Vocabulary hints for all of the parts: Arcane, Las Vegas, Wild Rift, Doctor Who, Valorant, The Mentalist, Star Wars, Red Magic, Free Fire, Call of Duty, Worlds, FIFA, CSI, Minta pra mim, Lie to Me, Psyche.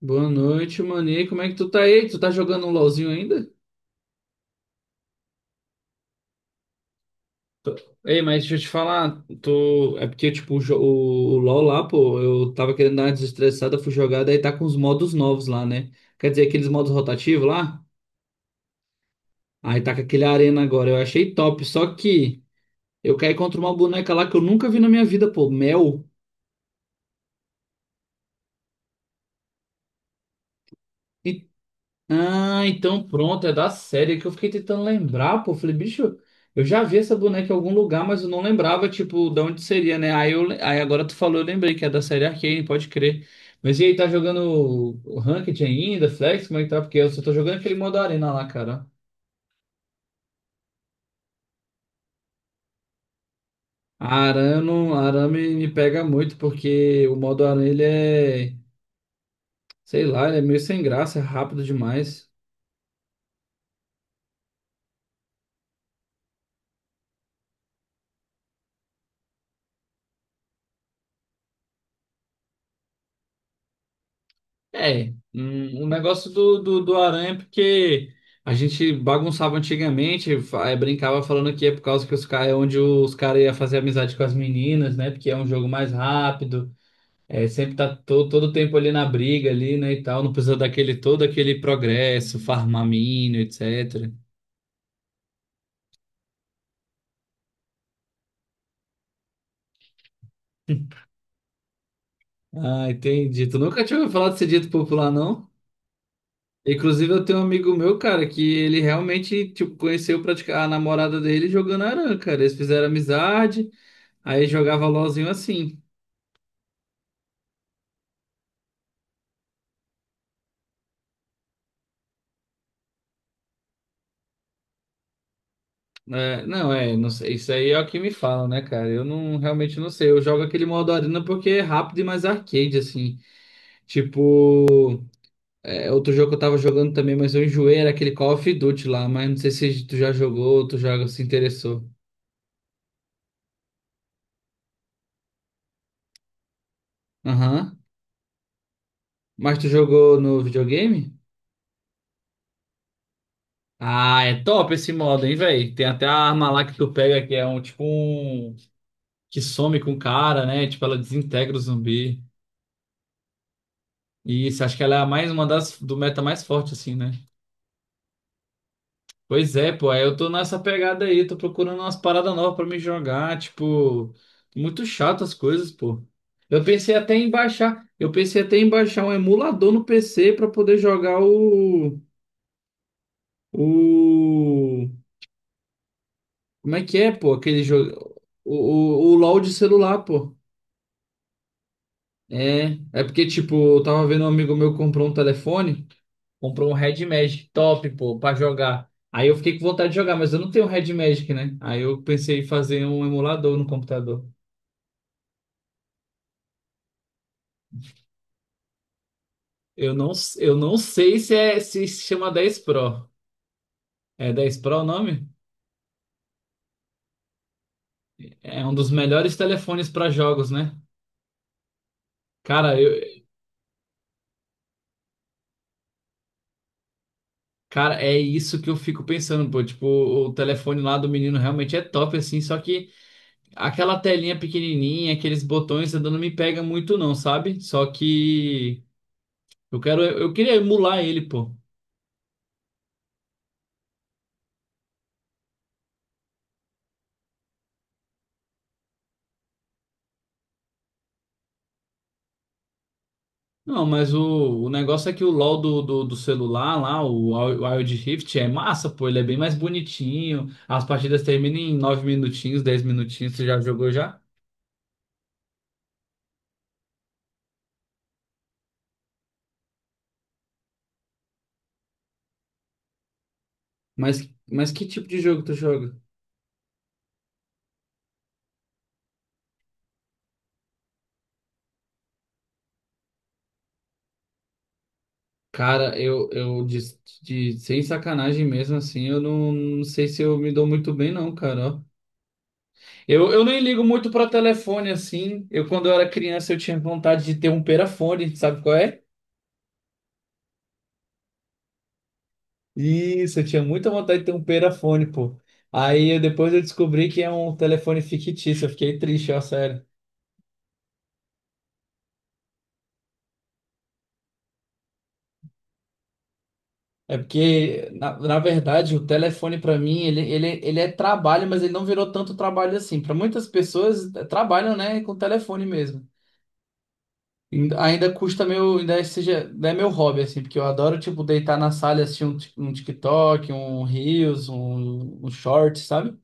Boa noite, Mani. Como é que tu tá aí? Tu tá jogando um LOLzinho ainda? Ei, mas deixa eu te falar, é porque, tipo, o LOL lá, pô, eu tava querendo dar uma desestressada, fui jogar, daí tá com os modos novos lá, né? Quer dizer, aqueles modos rotativos lá? Aí tá com aquele arena agora, eu achei top, só que eu caí contra uma boneca lá que eu nunca vi na minha vida, pô, Mel. Ah, então pronto, é da série que eu fiquei tentando lembrar, pô. Falei, bicho, eu já vi essa boneca em algum lugar, mas eu não lembrava, tipo, de onde seria, né? Aí agora tu falou, eu lembrei que é da série Arcane, pode crer. Mas e aí, tá jogando o Ranked ainda, Flex? Como é que tá? Porque eu só tô jogando aquele modo arena lá, cara. Arame me pega muito, porque o modo arena, sei lá, ele é meio sem graça, é rápido demais. É, o negócio do aranha é porque a gente bagunçava antigamente, brincava falando que é por causa que os caras é onde os caras iam fazer amizade com as meninas, né? Porque é um jogo mais rápido, é, sempre tá todo tempo ali na briga ali, né, e tal, não precisa daquele todo aquele progresso, farmar mina, etc. Ah, entendi. Tu nunca tinha ouvido falar desse dito popular, não? Inclusive, eu tenho um amigo meu, cara, que ele realmente, tipo, conheceu a namorada dele jogando aranha, cara. Eles fizeram amizade. Aí jogava LOLzinho assim. É, não sei, isso aí é o que me falam, né, cara? Eu não realmente não sei. Eu jogo aquele modo arena porque é rápido e mais arcade, assim. Tipo, é, outro jogo que eu tava jogando também, mas eu enjoei, era aquele Call of Duty lá, mas não sei se tu já jogou ou tu joga, se interessou. Aham. Mas tu jogou no videogame? Ah, é top esse modo, hein, velho? Tem até a arma lá que tu pega que é um tipo um. Que some com o cara, né? Tipo, ela desintegra o zumbi. Isso, acho que ela é a mais uma das do meta mais forte, assim, né? Pois é, pô, aí eu tô nessa pegada aí, tô procurando umas paradas novas pra me jogar, tipo, muito chato as coisas, pô. Eu pensei até em baixar um emulador no PC pra poder jogar o, como é que é, pô, aquele jogo, o LoL de celular, pô. É porque, tipo, eu tava vendo um amigo meu comprou um telefone. Comprou um Red Magic top, pô, pra jogar. Aí eu fiquei com vontade de jogar, mas eu não tenho Red Magic, né? Aí eu pensei em fazer um emulador no computador. Eu não, eu não sei se chama 10 Pro. É 10 Pro o nome? É um dos melhores telefones para jogos, né? Cara, cara, é isso que eu fico pensando, pô. Tipo, o telefone lá do menino realmente é top, assim. Só que aquela telinha pequenininha, aqueles botões ainda não me pega muito, não, sabe? Só que eu quero, eu queria emular ele, pô. Não, mas o negócio é que o LoL do celular lá, o Wild Rift, é massa, pô. Ele é bem mais bonitinho. As partidas terminam em 9 minutinhos, 10 minutinhos. Você já jogou já? Mas que tipo de jogo tu joga? Cara, sem sacanagem mesmo, assim, eu não sei se eu me dou muito bem, não, cara, ó. Eu nem ligo muito pra telefone, assim. Quando eu era criança, eu tinha vontade de ter um perafone, sabe qual é? Isso, eu tinha muita vontade de ter um perafone, pô. Depois eu descobri que é um telefone fictício, eu fiquei triste, ó, sério. É porque, na verdade, o telefone pra mim, ele é trabalho, mas ele não virou tanto trabalho assim. Pra muitas pessoas, trabalham, né, com telefone mesmo. Ainda custa meu, ainda é, seja, ainda é meu hobby, assim, porque eu adoro, tipo, deitar na sala e assistir um TikTok, um Reels, um Short, sabe?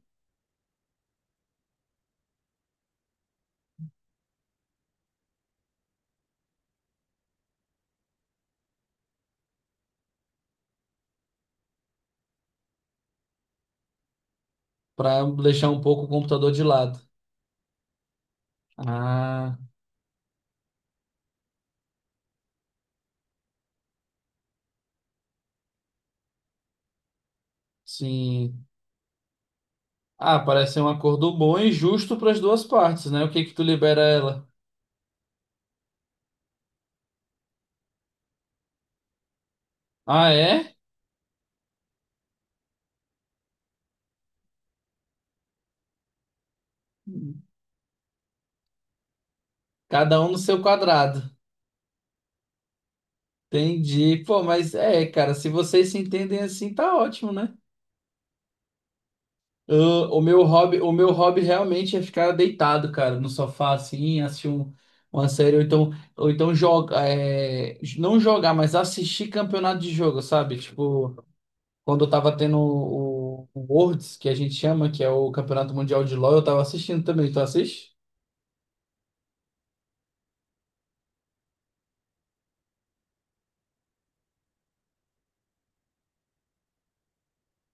Pra deixar um pouco o computador de lado. Ah, sim. Ah, parece ser um acordo bom e justo para as duas partes, né? O que que tu libera ela? Ah, é? Cada um no seu quadrado. Entendi. Pô, mas é, cara, se vocês se entendem assim, tá ótimo, né? Ah, o meu hobby realmente é ficar deitado, cara, no sofá assim, assistir uma série ou então, joga, é, não jogar, mas assistir campeonato de jogo, sabe? Tipo, quando eu tava tendo o Worlds, que a gente chama, que é o Campeonato Mundial de LoL, eu tava assistindo também. Tu assiste?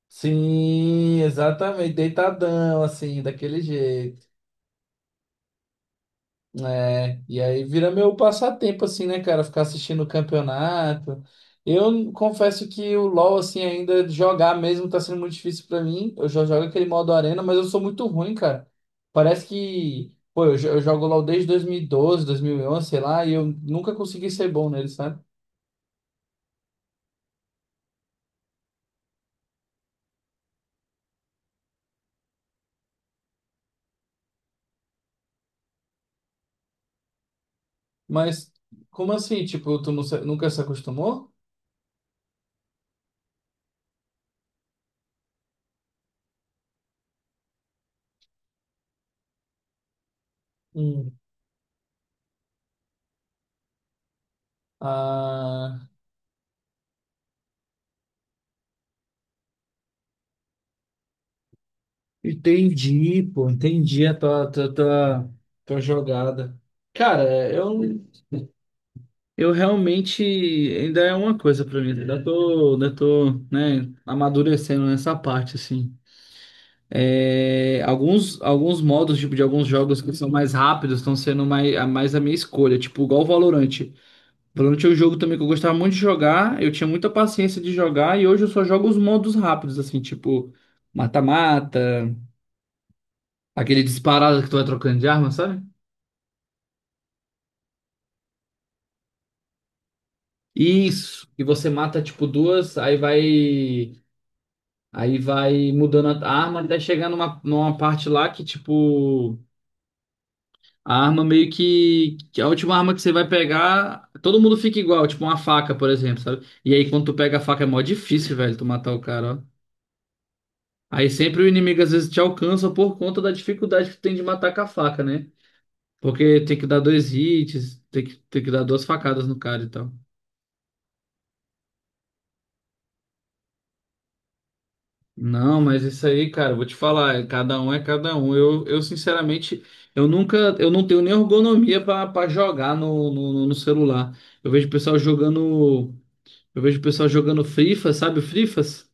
Sim, exatamente, deitadão, assim, daquele jeito, né? E aí vira meu passatempo, assim, né, cara, ficar assistindo o campeonato. Eu confesso que o LoL, assim, ainda jogar mesmo tá sendo muito difícil pra mim. Eu já jogo aquele modo arena, mas eu sou muito ruim, cara. Parece que, pô, eu jogo LoL desde 2012, 11 sei lá, e eu nunca consegui ser bom nele, sabe? Mas, como assim? Tipo, tu nunca se acostumou? Hum. Ah. Entendi, pô, entendi a tua jogada. Cara, eu realmente ainda é uma coisa pra mim, ainda tô, né, amadurecendo nessa parte, assim. É, alguns modos, tipo, de alguns jogos que são mais rápidos estão sendo mais, mais a minha escolha, tipo, igual o Valorant. Valorant é um jogo também que eu gostava muito de jogar, eu tinha muita paciência de jogar e hoje eu só jogo os modos rápidos, assim, tipo, mata-mata, aquele disparado que tu vai trocando de arma, sabe? Isso. E você mata tipo duas, aí vai. Aí vai mudando a arma até chegar numa parte lá que, tipo, a arma meio que a última arma que você vai pegar, todo mundo fica igual, tipo uma faca, por exemplo, sabe? E aí quando tu pega a faca é mó difícil, velho, tu matar o cara, ó. Aí sempre o inimigo às vezes te alcança por conta da dificuldade que tu tem de matar com a faca, né? Porque tem que dar dois hits, tem que dar duas facadas no cara e tal. Não, mas isso aí, cara, eu vou te falar, é cada um é cada um. Eu sinceramente, eu nunca, eu não tenho nem ergonomia para jogar no celular. Eu vejo o pessoal jogando, eu vejo o pessoal jogando FIFA, sabe o Frifas?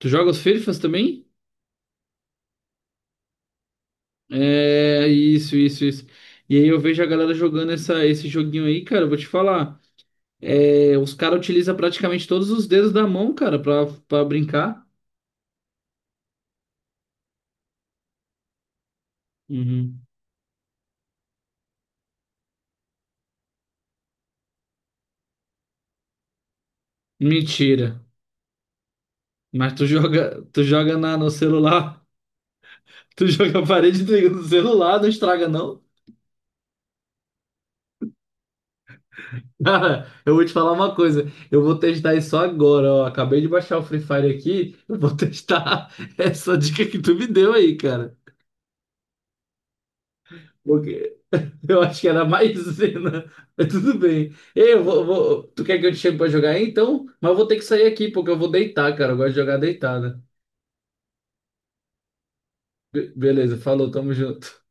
Tu joga os Frifas também? É, isso, isso, isso. E aí eu vejo a galera jogando essa, esse joguinho aí, cara, eu vou te falar. É, os caras utilizam praticamente todos os dedos da mão, cara, pra brincar. Uhum. Mentira. Mas tu joga na, no celular? Tu joga a parede do celular, não estraga, não? Cara, eu vou te falar uma coisa. Eu vou testar isso agora, ó. Acabei de baixar o Free Fire aqui. Eu vou testar essa dica que tu me deu aí, cara. Porque eu acho que era maisena. Mas tudo bem. Ei, tu quer que eu te chame pra jogar aí, então? Mas eu vou ter que sair aqui, porque eu vou deitar, cara. Eu gosto de jogar deitada. Beleza, falou, tamo junto.